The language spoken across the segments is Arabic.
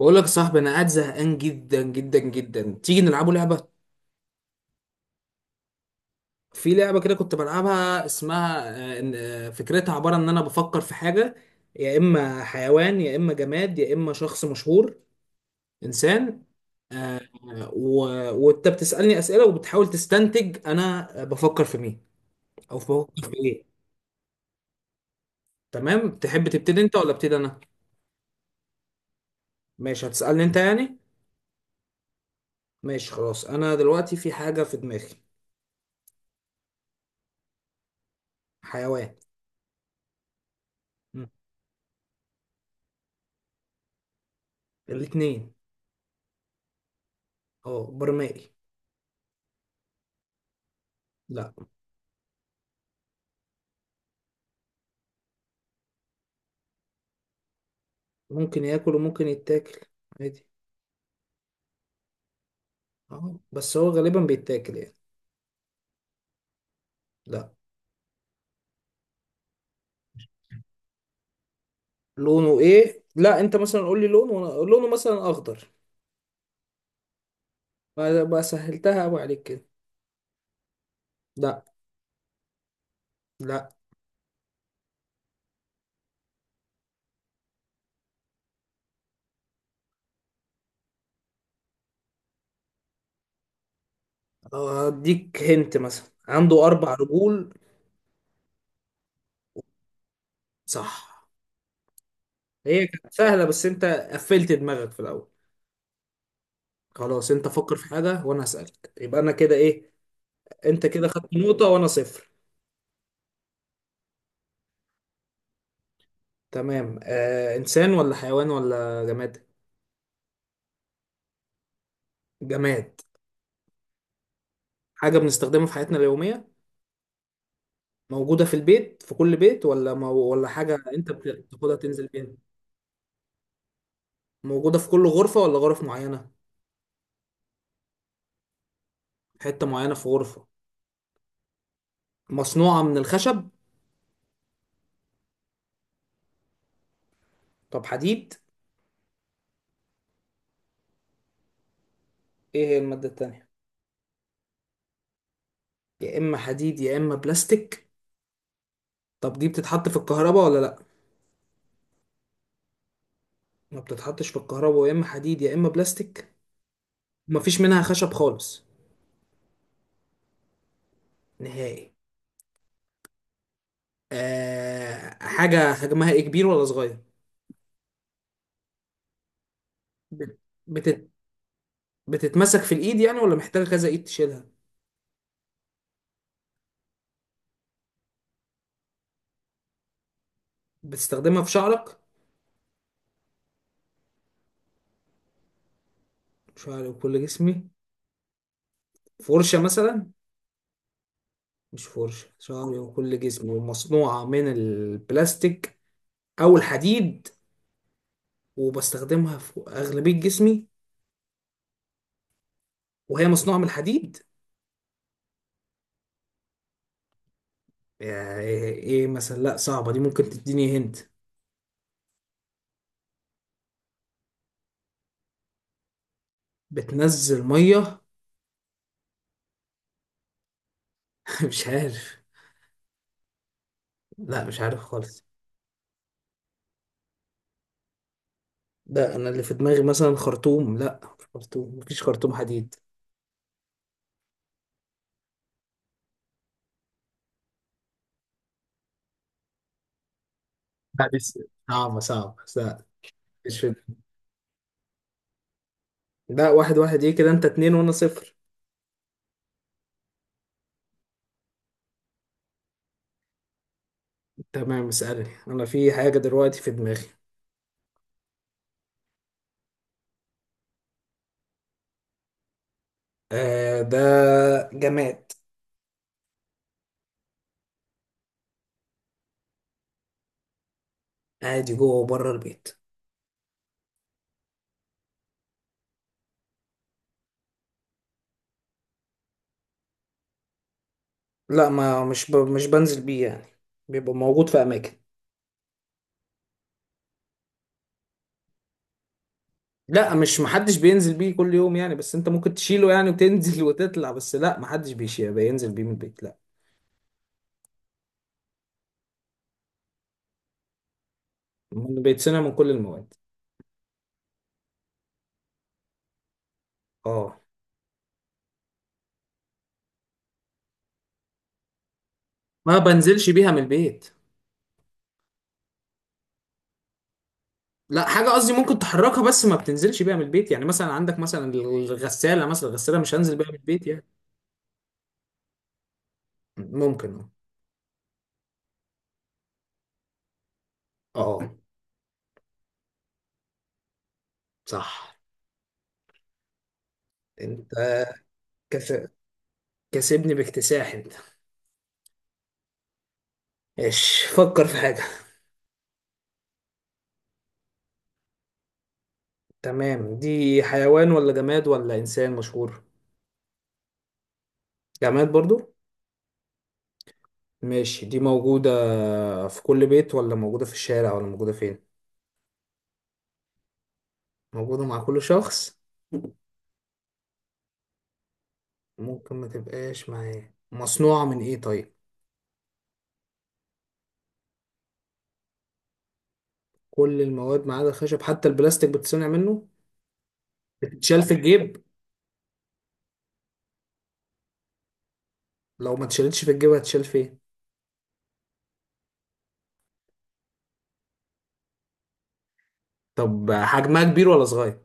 بقول لك يا صاحبي، انا قاعد زهقان جدا جدا جدا. تيجي نلعبوا لعبه؟ في لعبه كده كنت بلعبها اسمها فكرتها عباره ان انا بفكر في حاجه. يا اما حيوان يا اما جماد يا اما شخص مشهور، انسان. وانت بتسالني اسئله وبتحاول تستنتج انا بفكر في مين او بفكر في ايه. تمام، تحب تبتدي انت ولا ابتدي انا؟ ماشي، هتسالني انت يعني. ماشي خلاص، انا دلوقتي في حاجه في دماغي. حيوان. م. الاتنين. اه برمائي. لا. ممكن ياكل وممكن يتاكل، عادي. اه بس هو غالبا بيتاكل يعني. لا. لونه ايه؟ لا، انت مثلا قول لي لونه، وانا لونه مثلا اخضر. ما سهلتها قوي عليك كده. لا. لا. اديك هنت، مثلا عنده اربع رجول. صح. هي كانت سهله بس انت قفلت دماغك في الاول. خلاص انت فكر في حاجه وانا هسالك، يبقى انا كده ايه؟ انت كده خدت نقطه وانا صفر. تمام، انسان ولا حيوان ولا جماد؟ جماد. حاجه بنستخدمها في حياتنا اليوميه؟ موجودة في البيت، في كل بيت، ولا ولا حاجة انت بتاخدها تنزل بيها؟ موجودة في كل غرفة ولا غرف معينة؟ حتة معينة في غرفة. مصنوعة من الخشب؟ طب حديد؟ ايه هي المادة التانية؟ يا اما حديد يا اما بلاستيك. طب دي بتتحط في الكهرباء ولا لا؟ ما بتتحطش في الكهرباء، يا اما حديد يا اما بلاستيك. مفيش منها خشب خالص؟ نهائي. حاجة حجمها ايه، كبير ولا صغير؟ بت... بتت... بتتمسك في الايد يعني ولا محتاجة كذا ايد تشيلها؟ بتستخدمها في شعرك؟ شعري وكل جسمي. فرشة مثلا؟ مش فرشة، شعري وكل جسمي ومصنوعة من البلاستيك أو الحديد، وبستخدمها في أغلبية جسمي وهي مصنوعة من الحديد. يا إيه إيه مثلا؟ لأ صعبة دي، ممكن تديني هنت. بتنزل مية. مش عارف. لأ مش عارف خالص. ده أنا اللي في دماغي مثلا خرطوم، لأ مش خرطوم، مفيش خرطوم حديد. لا، صعبة صعبة، لأ. مش في- لأ. واحد واحد إيه كده، أنت اتنين وأنا صفر. تمام اسألني، أنا في حاجة دلوقتي في دماغي. ده جماد. عادي، جوه وبره البيت. لا، ما مش ب... مش بنزل بيه يعني، بيبقى موجود في أماكن. لا، مش محدش بينزل بيه كل يوم يعني، بس أنت ممكن تشيله يعني وتنزل وتطلع، بس لا محدش بيشيل بينزل بيه من البيت، لا. بيتصنع من كل المواد. اه. ما بنزلش بيها من البيت. لا حاجة، قصدي ممكن تحركها بس ما بتنزلش بيها من البيت، يعني مثلا عندك مثلا الغسالة، مثلا الغسالة مش هنزل بيها من البيت يعني. ممكن. اه. صح. انت كس... كسبني باكتساح انت. ماشي، فكر في حاجة. تمام، دي حيوان ولا جماد ولا انسان مشهور؟ جماد برضو. ماشي، دي موجودة في كل بيت ولا موجودة في الشارع ولا موجودة فين؟ موجودة مع كل شخص. ممكن ما تبقاش معاه. مصنوعة من ايه طيب؟ كل المواد ما عدا الخشب. حتى البلاستيك بتصنع منه. بتتشال في الجيب؟ لو ما اتشالتش في الجيب هتشال فين؟ طب حجمها كبير ولا صغير؟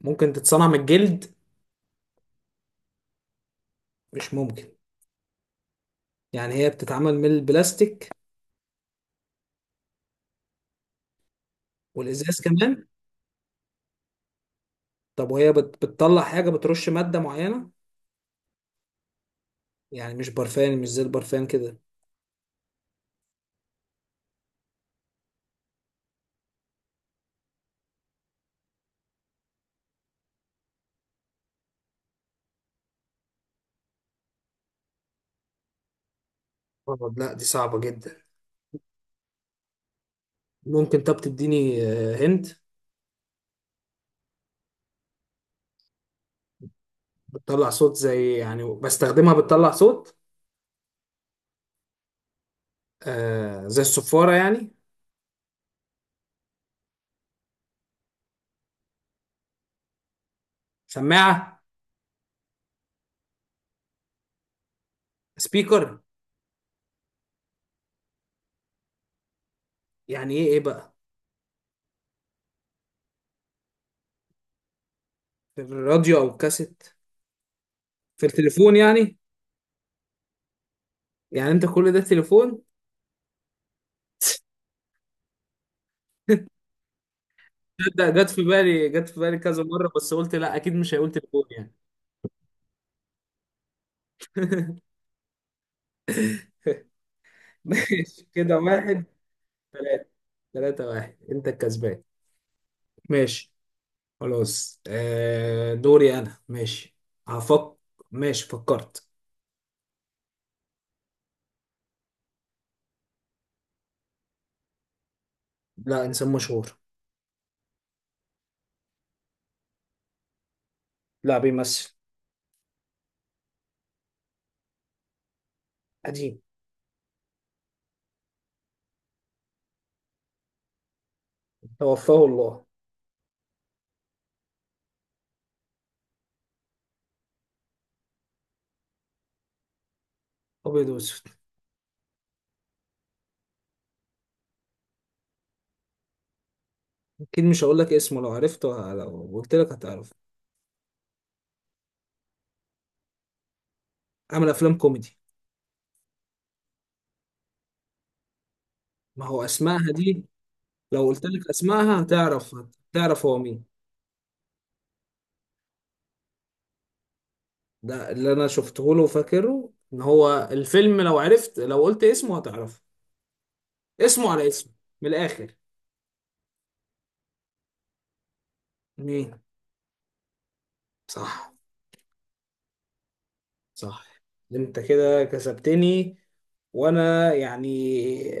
ممكن تتصنع من الجلد؟ مش ممكن. يعني هي بتتعمل من البلاستيك. والازاز كمان. طب وهي بتطلع حاجه، بترش ماده معينه؟ يعني مش برفان، مش زي البرفان كده. لا دي صعبة جدا. ممكن طب تديني. هند. بتطلع صوت؟ زي يعني بستخدمها بتطلع صوت؟ آه زي الصفارة يعني. سماعه. سبيكر. يعني ايه ايه بقى؟ في الراديو أو الكاسيت. في التليفون يعني؟ يعني انت كل ده تليفون؟ تصدق جت في بالي، جت في بالي كذا مرة، بس قلت لا أكيد مش هيقول تليفون يعني. ماشي كده واحد. ثلاثة. ثلاثة واحد، انت الكسبان. ماشي. خلاص، دوري انا. ماشي، هفك. ماشي، فكرت. لا انسان مشهور. لا بيمثل. قديم. توفاه الله. ابيض واسود. اكيد مش هقول لك اسمه، لو عرفته لو قلت لك هتعرف. عمل افلام كوميدي. ما هو اسمائها دي، لو قلت لك اسمائها هتعرف، هتعرف هو مين. ده اللي انا شفته له وفاكره ان هو الفيلم، لو عرفت لو قلت اسمه هتعرفه. اسمه على اسمه، من الاخر. مين؟ صح. صح. انت كده كسبتني، وانا يعني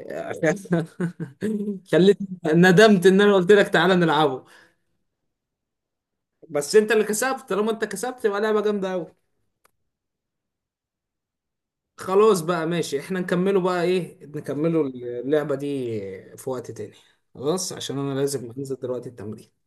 خليت، ندمت ان انا قلت لك تعالى نلعبه. بس انت اللي كسبت، طالما انت كسبت يبقى لعبة جامدة قوي. خلاص بقى، ماشي، احنا نكمله بقى، ايه نكمله اللعبة دي في وقت تاني، خلاص، عشان انا لازم انزل دلوقتي التمرين.